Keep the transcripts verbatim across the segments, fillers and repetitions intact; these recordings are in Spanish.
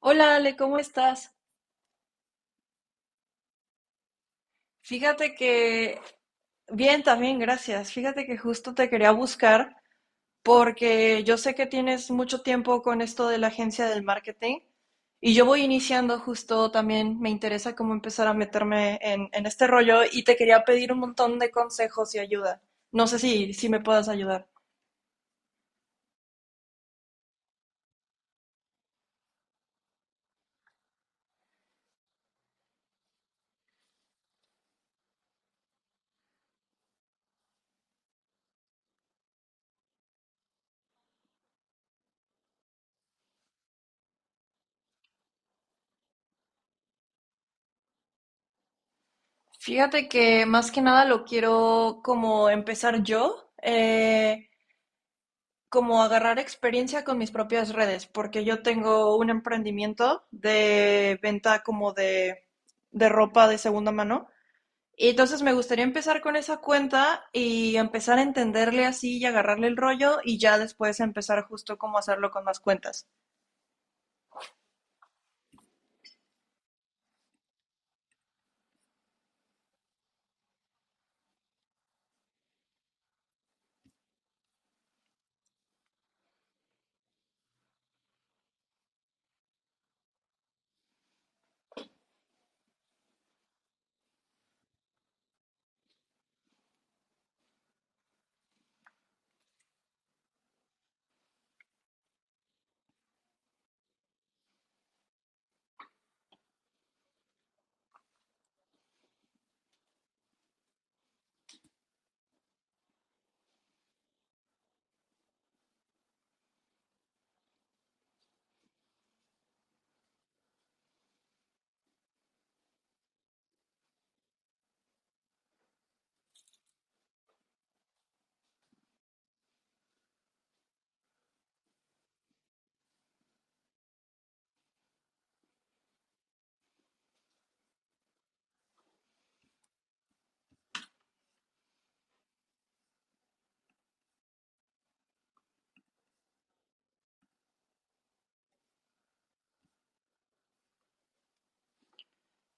Hola Ale, ¿cómo estás? Fíjate que, bien, también, gracias. Fíjate que justo te quería buscar porque yo sé que tienes mucho tiempo con esto de la agencia del marketing y yo voy iniciando justo también, me interesa cómo empezar a meterme en, en este rollo y te quería pedir un montón de consejos y ayuda. No sé si, si me puedas ayudar. Fíjate que más que nada lo quiero como empezar yo. Eh, como agarrar experiencia con mis propias redes, porque yo tengo un emprendimiento de venta como de, de ropa de segunda mano. Y entonces me gustaría empezar con esa cuenta y empezar a entenderle así y agarrarle el rollo y ya después empezar justo cómo hacerlo con más cuentas.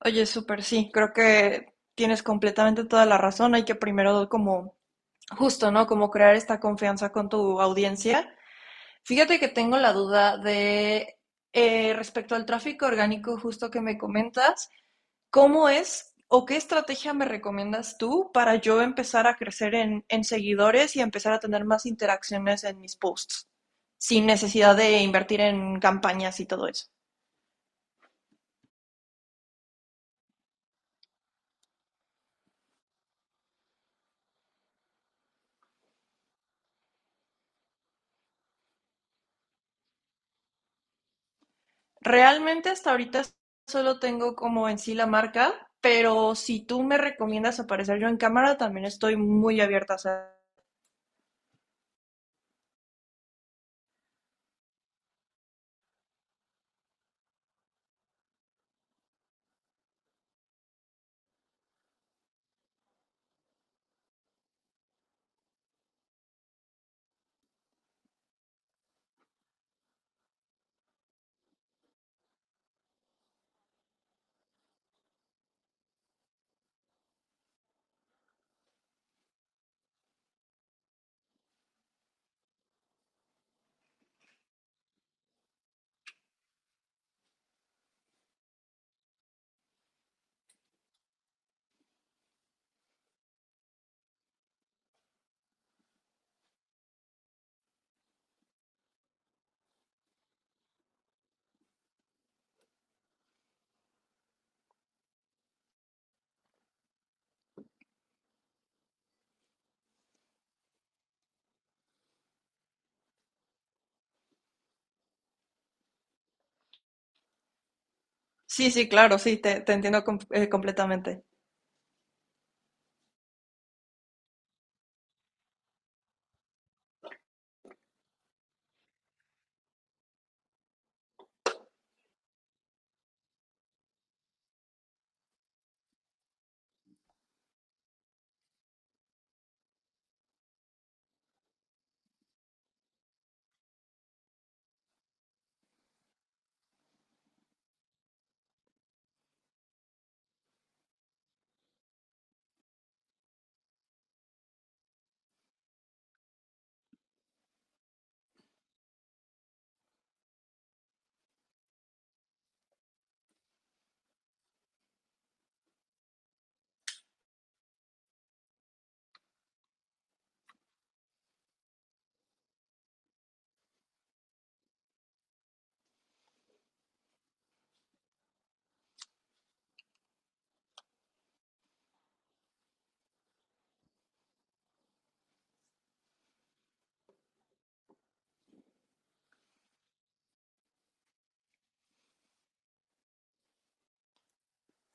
Oye, súper sí, creo que tienes completamente toda la razón. Hay que primero como justo, ¿no? Como crear esta confianza con tu audiencia. Fíjate que tengo la duda de eh, respecto al tráfico orgánico justo que me comentas, ¿cómo es o qué estrategia me recomiendas tú para yo empezar a crecer en, en seguidores y empezar a tener más interacciones en mis posts sin necesidad de invertir en campañas y todo eso? Realmente hasta ahorita solo tengo como en sí la marca, pero si tú me recomiendas aparecer yo en cámara, también estoy muy abierta a hacer. Sí, sí, claro, sí, te, te entiendo com- eh, completamente.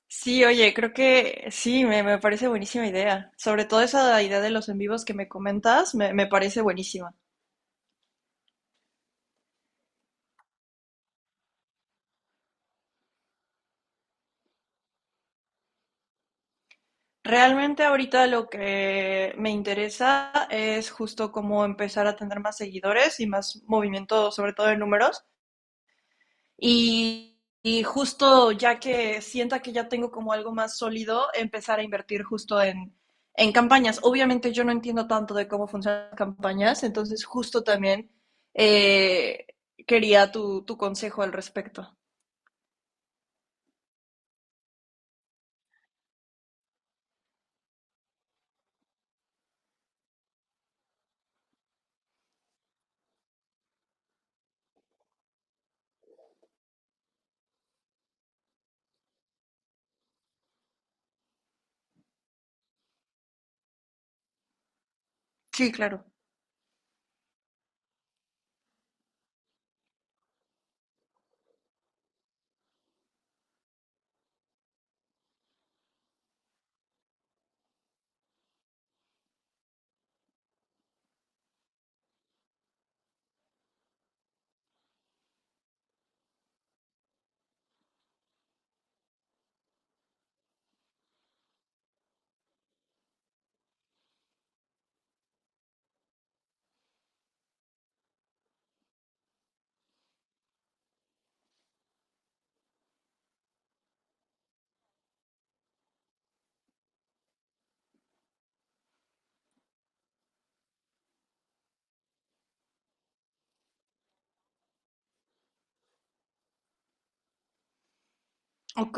Sí, oye, creo que sí, me, me parece buenísima idea. Sobre todo esa idea de los en vivos que me comentas, me, me parece buenísima. Realmente ahorita lo que me interesa es justo cómo empezar a tener más seguidores y más movimiento, sobre todo de números. Y, y justo ya que sienta que ya tengo como algo más sólido, empezar a invertir justo en, en campañas. Obviamente yo no entiendo tanto de cómo funcionan las campañas, entonces justo también eh, quería tu, tu consejo al respecto. Sí, claro. Ok.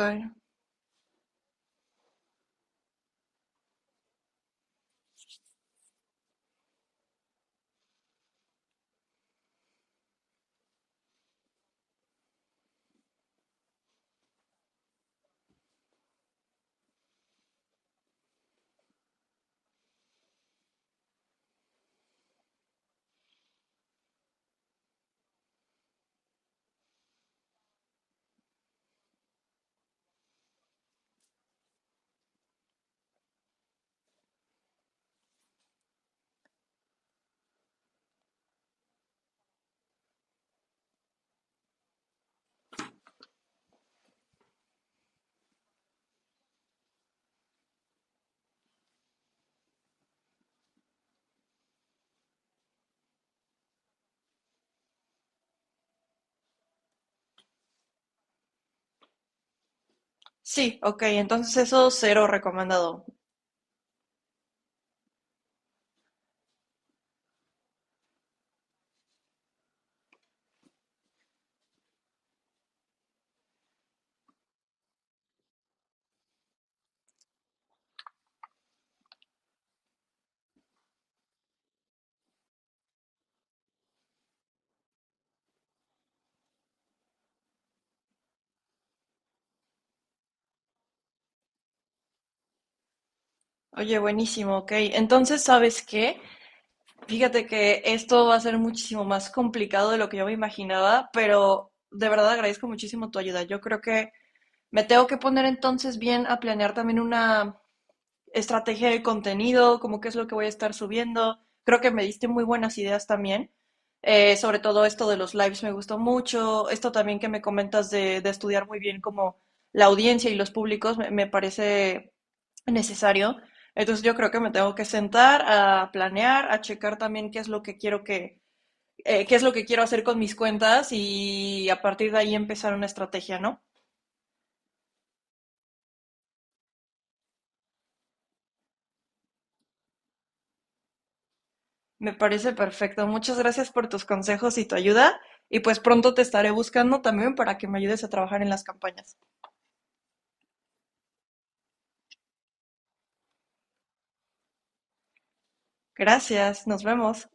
Sí, ok, entonces eso cero recomendado. Oye, buenísimo, ok. Entonces, ¿sabes qué? Fíjate que esto va a ser muchísimo más complicado de lo que yo me imaginaba, pero de verdad agradezco muchísimo tu ayuda. Yo creo que me tengo que poner entonces bien a planear también una, estrategia de contenido, como qué es lo que voy a estar subiendo. Creo que me diste muy buenas ideas también. Eh, sobre todo esto de los lives me gustó mucho. Esto también que me comentas de, de estudiar muy bien como la audiencia y los públicos me, me, parece necesario. Entonces yo creo que me tengo que sentar a planear, a checar también qué es lo que quiero que, eh, qué es lo que quiero hacer con mis cuentas y a partir de ahí empezar una estrategia, ¿no? Me parece perfecto. Muchas gracias por tus consejos y tu ayuda. Y pues pronto te estaré buscando también para que me ayudes a trabajar en las campañas. Gracias, nos vemos.